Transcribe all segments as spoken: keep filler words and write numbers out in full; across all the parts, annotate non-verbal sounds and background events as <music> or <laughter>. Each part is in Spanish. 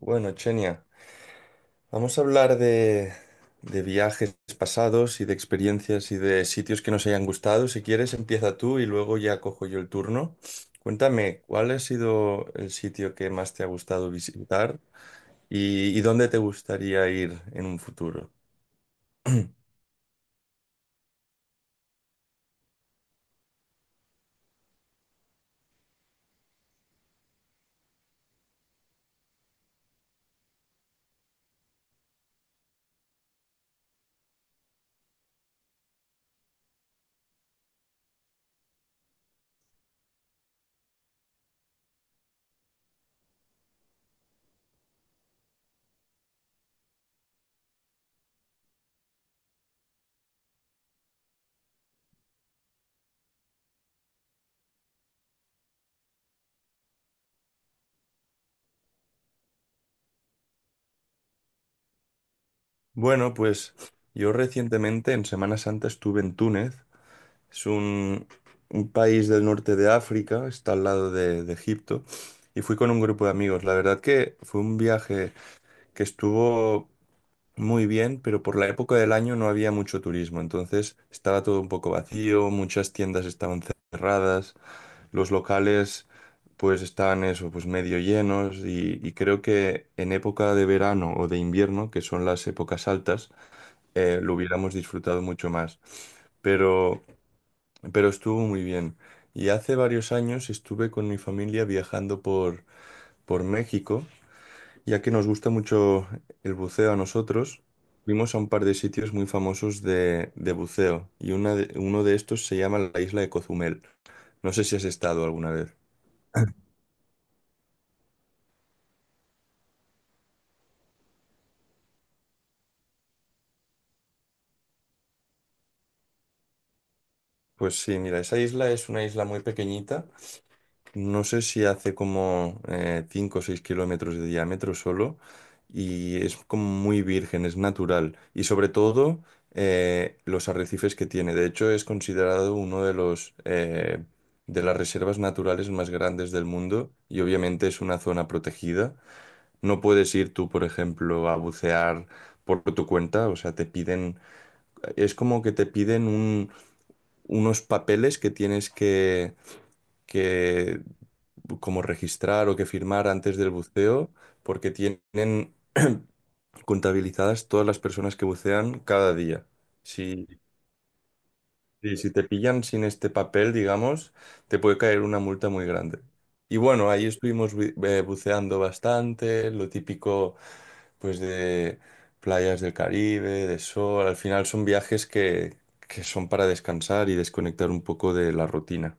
Bueno, Chenia, vamos a hablar de, de viajes pasados y de experiencias y de sitios que nos hayan gustado. Si quieres, empieza tú y luego ya cojo yo el turno. Cuéntame, ¿cuál ha sido el sitio que más te ha gustado visitar y, y dónde te gustaría ir en un futuro? Bueno, pues yo recientemente en Semana Santa estuve en Túnez. Es un, un país del norte de África, está al lado de de Egipto, y fui con un grupo de amigos. La verdad que fue un viaje que estuvo muy bien, pero por la época del año no había mucho turismo, entonces estaba todo un poco vacío, muchas tiendas estaban cerradas, los locales pues estaban eso, pues medio llenos y, y creo que en época de verano o de invierno, que son las épocas altas, eh, lo hubiéramos disfrutado mucho más pero, pero estuvo muy bien. Y hace varios años estuve con mi familia viajando por, por México ya que nos gusta mucho el buceo a nosotros, fuimos a un par de sitios muy famosos de, de buceo y una de- uno de estos se llama la isla de Cozumel. No sé si has estado alguna vez. Pues sí, mira, esa isla es una isla muy pequeñita. No sé si hace como eh, cinco o seis kilómetros de diámetro solo y es como muy virgen, es natural. Y sobre todo eh, los arrecifes que tiene. De hecho, es considerado uno de los eh, de las reservas naturales más grandes del mundo y obviamente es una zona protegida. No puedes ir tú, por ejemplo, a bucear por tu cuenta. O sea, te piden, es como que te piden un- unos papeles que tienes que que bu- como registrar o que firmar antes del buceo, porque tienen <clears throat> contabilizadas todas las personas que bucean cada día. Si, si si te pillan sin este papel, digamos, te puede caer una multa muy grande. Y bueno, ahí estuvimos bu- eh, buceando bastante, lo típico pues de playas del Caribe, de sol. Al final son viajes que, que son para descansar y desconectar un poco de la rutina.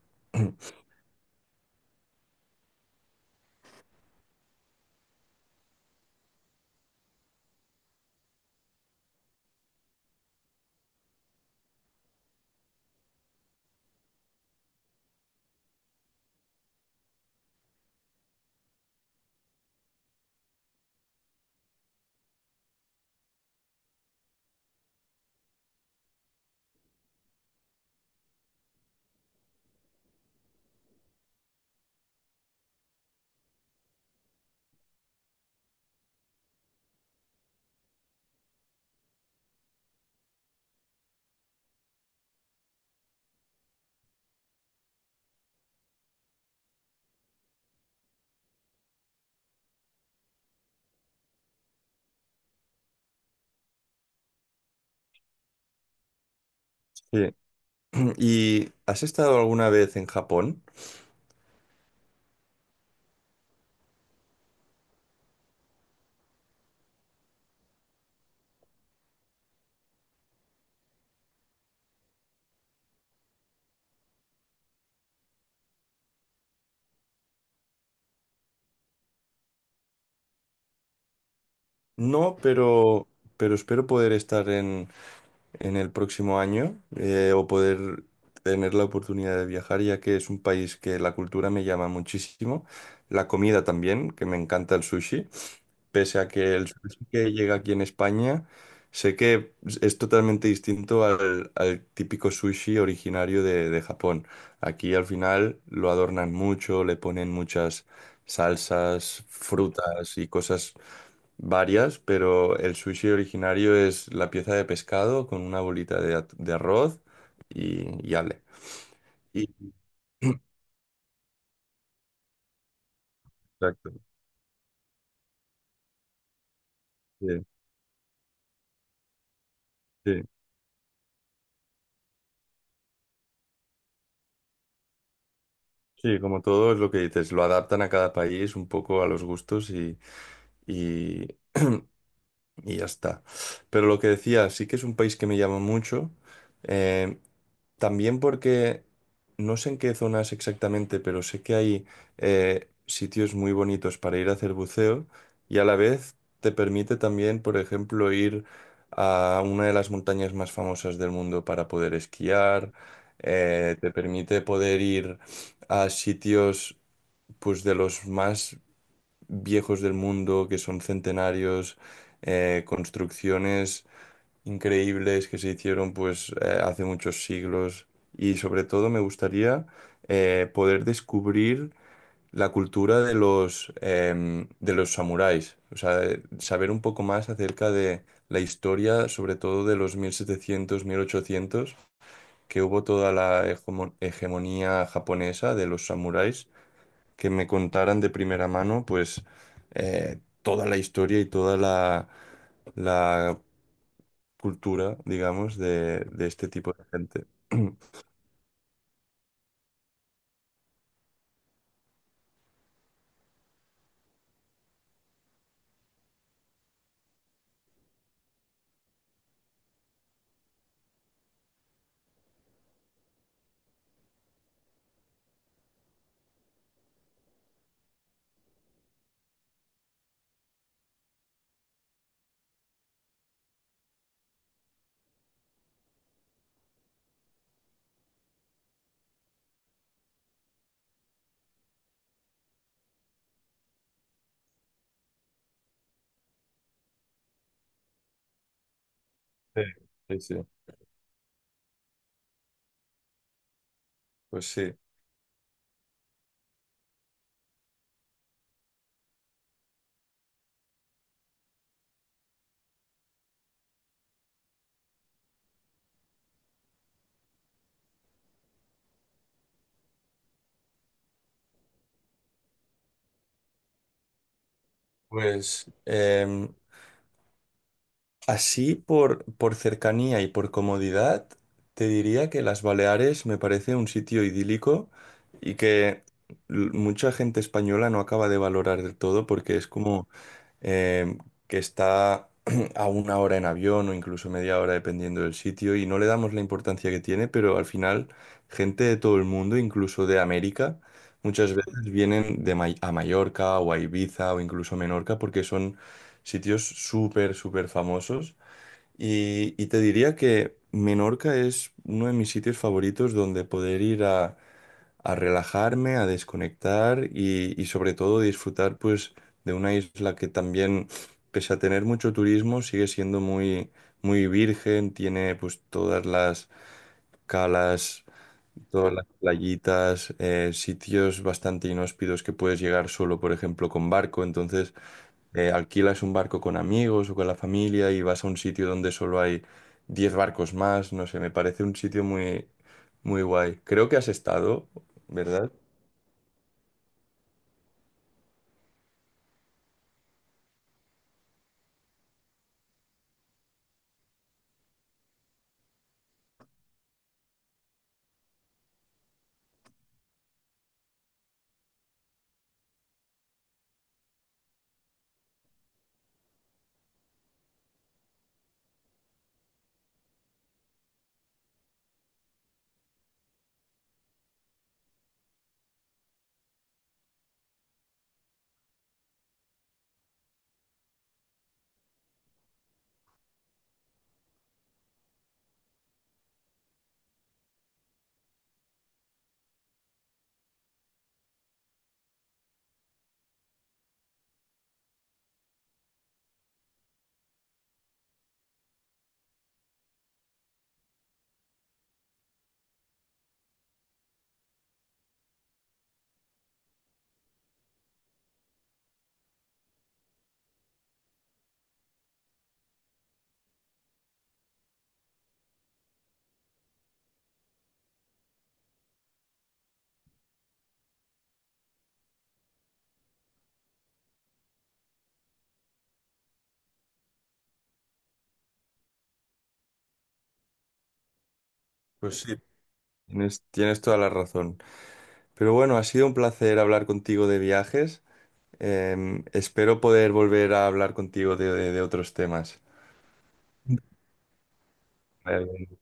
<clears throat> Sí. ¿Y has estado alguna vez en Japón? No, pero, pero espero poder estar en, en el próximo año eh, o poder tener la oportunidad de viajar, ya que es un país que la cultura me llama muchísimo, la comida también, que me encanta el sushi. Pese a que el sushi que llega aquí en España, sé que es totalmente distinto al, al típico sushi originario de, de Japón. Aquí al final lo adornan mucho, le ponen muchas salsas, frutas y cosas varias, pero el sushi originario es la pieza de pescado con una bolita de, at- de arroz y, y ale. Y- Exacto. Sí, sí. Sí, como todo es lo que dices, lo adaptan a cada país un poco a los gustos y, y ya está. Pero lo que decía, sí que es un país que me llama mucho. eh, También porque no sé en qué zonas exactamente, pero sé que hay eh, sitios muy bonitos para ir a hacer buceo y a la vez te permite también, por ejemplo, ir a una de las montañas más famosas del mundo para poder esquiar. Eh, te permite poder ir a sitios pues de los más viejos del mundo, que son centenarios, eh, construcciones increíbles que se hicieron pues eh, hace muchos siglos. Y sobre todo me gustaría eh, poder descubrir la cultura de los, em, de los samuráis, o sea, eh, saber un poco más acerca de la historia, sobre todo de los mil setecientos mil ochocientos que hubo toda la hegemo- hegemonía japonesa de los samuráis que me contaran de primera mano, pues eh, toda la historia y toda la, la cultura, digamos, de, de este tipo de gente. <clears throat> Sí, sí, sí. Pues sí. Pues em, así por, por cercanía y por comodidad, te diría que las Baleares me parece un sitio idílico y que l- mucha gente española no acaba de valorar del todo porque es como eh, que está <clears throat> a una hora en avión o incluso media hora dependiendo del sitio y no le damos la importancia que tiene, pero al final gente de todo el mundo, incluso de América, muchas veces vienen de May- a Mallorca o a Ibiza o incluso a Menorca porque son sitios súper, súper famosos. Y, y te diría que Menorca es uno de mis sitios favoritos donde poder ir a, a relajarme, a desconectar y, y sobre todo disfrutar pues de una isla que también, pese a tener mucho turismo, sigue siendo muy, muy virgen, tiene pues todas las calas, todas las playitas, eh, sitios bastante inhóspidos que puedes llegar solo, por ejemplo, con barco. Entonces, eh, alquilas un barco con amigos o con la familia y vas a un sitio donde solo hay diez barcos más, no sé, me parece un sitio muy, muy guay. Creo que has estado, ¿verdad? Pues sí, tienes, tienes toda la razón. Pero bueno, ha sido un placer hablar contigo de viajes. Em, espero poder volver a hablar contigo de, de- de otros temas. Vale.